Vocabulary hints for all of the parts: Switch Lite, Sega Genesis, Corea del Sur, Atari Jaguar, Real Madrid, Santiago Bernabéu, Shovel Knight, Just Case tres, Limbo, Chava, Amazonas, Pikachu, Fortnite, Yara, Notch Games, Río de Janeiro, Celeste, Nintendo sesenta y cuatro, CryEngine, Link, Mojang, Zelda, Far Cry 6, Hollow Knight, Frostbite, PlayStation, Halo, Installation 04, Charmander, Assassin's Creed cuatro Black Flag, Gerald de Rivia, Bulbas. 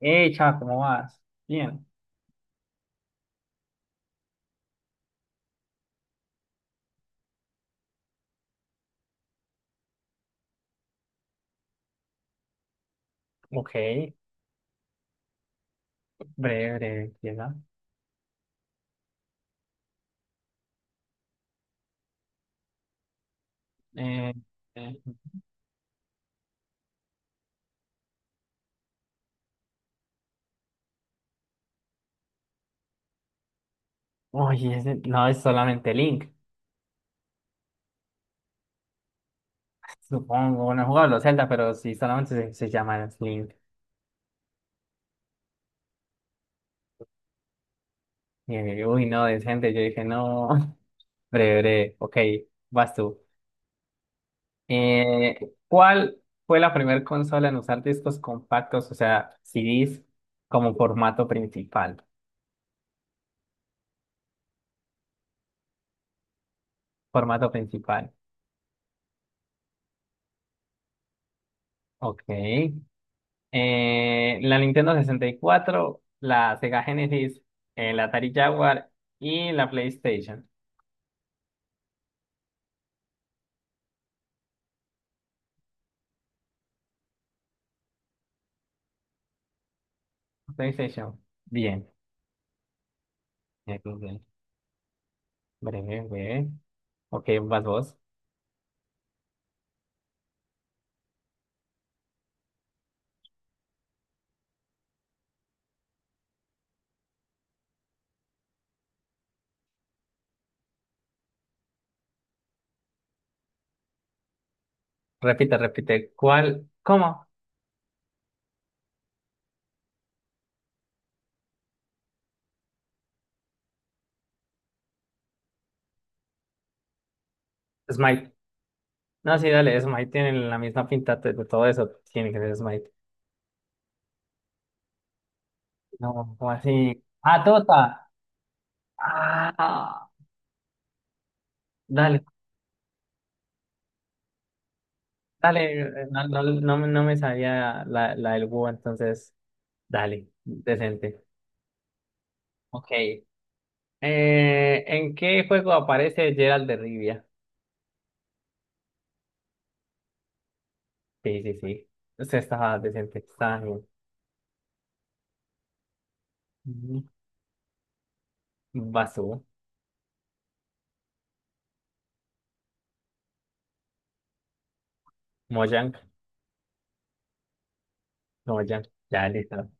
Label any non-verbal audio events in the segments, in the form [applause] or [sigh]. Chava, ¿cómo vas? Bien. Ok, breve, breve, empieza. Eh, eh, Oye, ese no es solamente Link, supongo. No he jugado a los Zelda, pero sí solamente se llama Link. Uy, no, decente. Yo dije, no. [laughs] Breve, breve. Ok, vas tú. Eh, ¿Cuál fue la primera consola en usar discos compactos, o sea, CDs, como formato principal? Formato principal. Ok, la Nintendo sesenta y cuatro, la Sega Genesis, la Atari Jaguar y la PlayStation. PlayStation. Bien. Google. Breve, breve. Ok, vas vos. Repite, repite. ¿Cuál? ¿Cómo? Smite. No, sí, dale, Smite tiene la misma pinta de todo eso. Tiene que ser Smite. No, ¿cómo así? Ah, Tota. Ah, dale, dale. No, no, no, me no me sabía la del Wu, entonces, dale, decente. Ok. ¿En qué juego aparece Gerald de Rivia? Sí, sí, sí. Usted estaba decente. Estaba bien. Ujú. Basú. Mojang. Mojang. Ya, listo.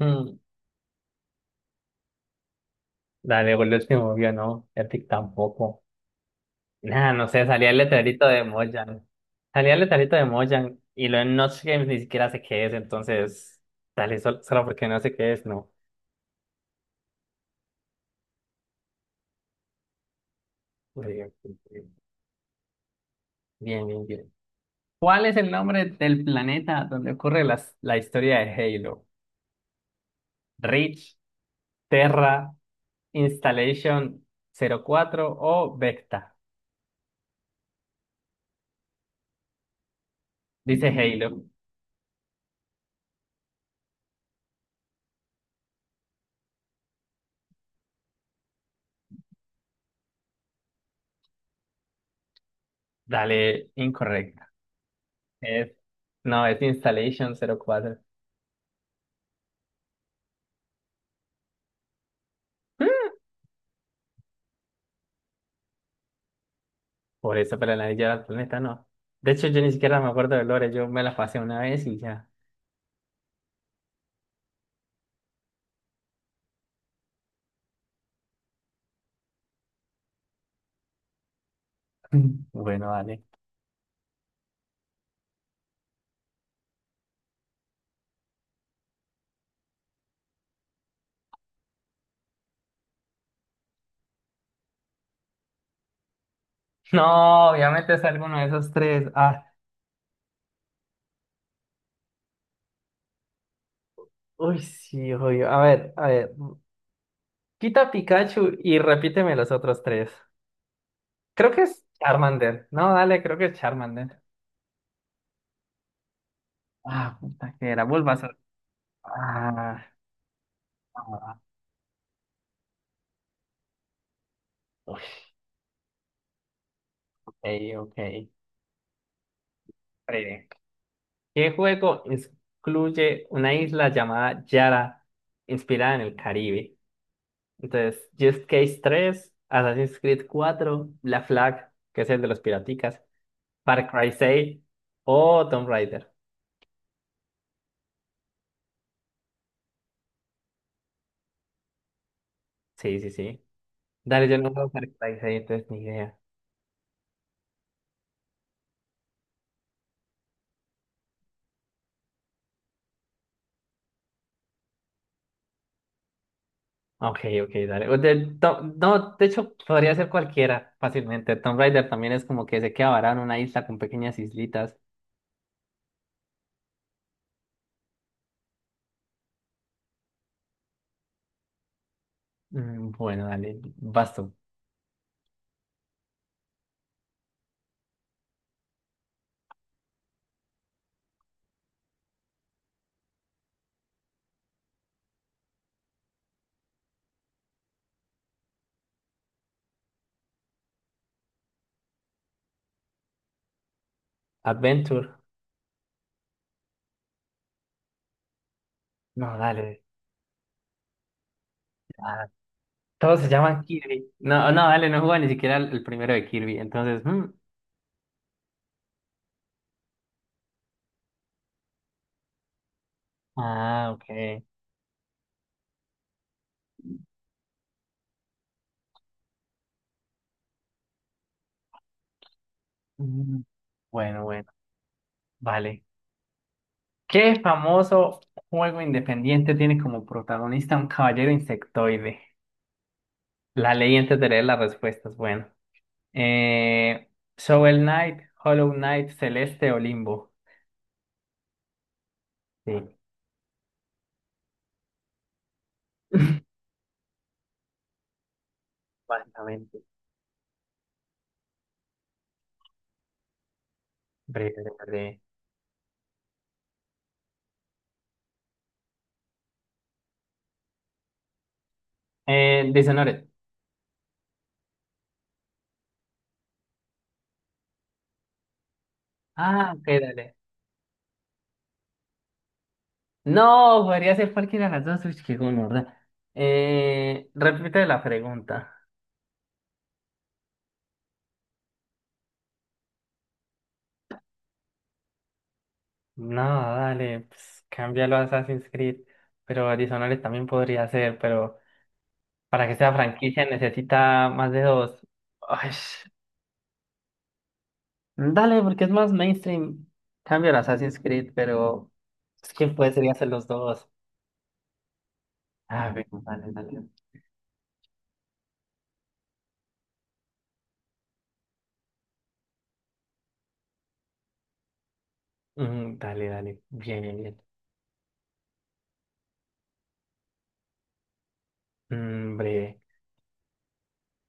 Mm, dale, por el último obvio, no. Epic tampoco. Nada, no sé. Salía el letrerito de Mojang. Salía el letrerito de Mojang. Y lo en Notch Games ni siquiera sé qué es. Entonces, dale, solo, porque no sé qué es, no. Bien, bien, bien. ¿Cuál es el nombre del planeta donde ocurre la historia de Halo? Reach, Terra, Installation 04 o Vecta. Dice Halo. Dale, incorrecta. Es, no, es Installation 04. Por eso, pero la Anillo del Planeta no. De hecho, yo ni siquiera me acuerdo de Lore. Yo me la pasé una vez y ya. [laughs] Bueno, dale. No, obviamente es alguno de esos tres. Ah, uy, sí, obvio. A ver, a ver. Quita Pikachu y repíteme los otros tres. Creo que es Charmander. No, dale, creo que es Charmander. Ah, puta que era. Bulbas ah, ah, ok, ok. Breve. ¿Qué juego incluye una isla llamada Yara inspirada en el Caribe? Entonces, Just Case tres, Assassin's Creed cuatro Black Flag, que es el de los piraticas, Far Cry 6 o Tomb Raider. Sí, sí, sí. Dale, yo no juego Far Cry 6, entonces ni idea. Ok, ok, dale. No, de hecho, podría ser cualquiera fácilmente. Tomb Raider también es como que se queda varado en una isla con pequeñas islitas. Mm, bueno, dale, basto. Adventure. No, dale. Ah, todos se llaman Kirby. No, no, dale, no juega ni siquiera el primero de Kirby. Entonces, mm, ah, ok. Mm, bueno, bueno, vale. ¿Qué famoso juego independiente tiene como protagonista un caballero insectoide? La ley antes de leer las respuestas. Bueno, eh, Shovel Knight, Hollow Knight, Celeste o Limbo. Sí, [laughs] básicamente. Breve, breve, breve. Dishonored. Ah, ok, dale. No, podría ser cualquiera de las dos. Uy, qué gonorrea. Repite la pregunta. No, dale, pues cámbialo a Assassin's Creed. Pero Dishonored también podría ser, pero para que sea franquicia necesita más de dos. Ay, dale, porque es más mainstream. Cambio a Assassin's Creed, pero es que podría ser los dos. Ah, bueno, dale, dale. Mm, dale, dale. Bien, bien, bien. Mm, breve.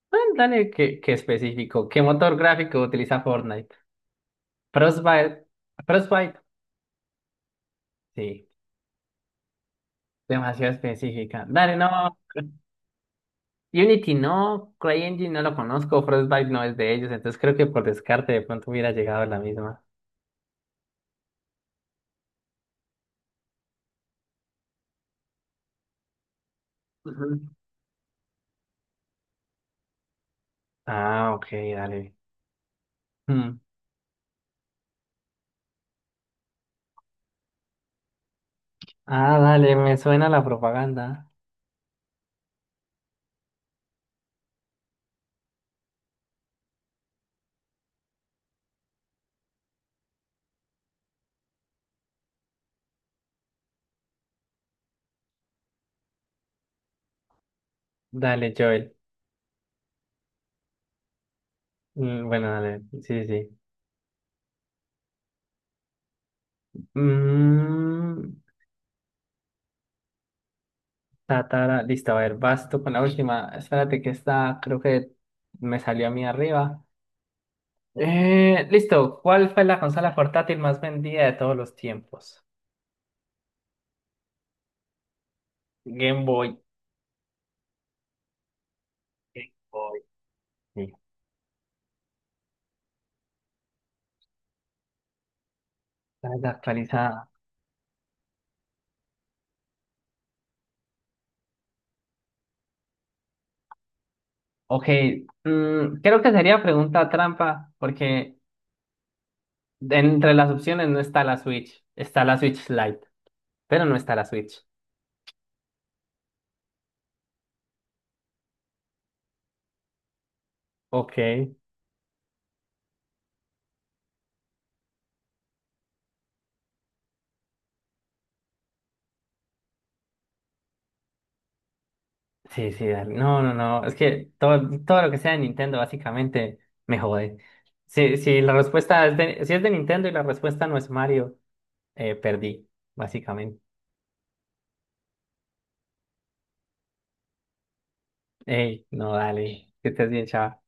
Bueno, dale, qué, qué específico. ¿Qué motor gráfico utiliza Fortnite? Frostbite. Frostbite. Sí, demasiado específica. Dale, no. Unity no. CryEngine no lo conozco. Frostbite no es de ellos. Entonces creo que por descarte de pronto hubiera llegado la misma. Ujú. Ah, ok, dale. Hmm. Ah, dale, me suena la propaganda. Dale, Joel. Mm, bueno, dale. Sí, sí, sí. Mm, tatara, listo, a ver, vas tú con la última. Espérate que esta creo que me salió a mí arriba. Listo, ¿cuál fue la consola portátil más vendida de todos los tiempos? Game Boy. Game Boy. Sí. La desactualizada. Ok, mm, creo que sería pregunta trampa, porque entre las opciones no está la Switch, está la Switch Lite, pero no está la Switch. Ok. Sí, sí, dale. No, no, no. Es que todo, todo lo que sea de Nintendo básicamente me jode. Si, si la respuesta es de, si es de Nintendo y la respuesta no es Mario, perdí, básicamente. Ey, no, dale. Que estés bien, chaval.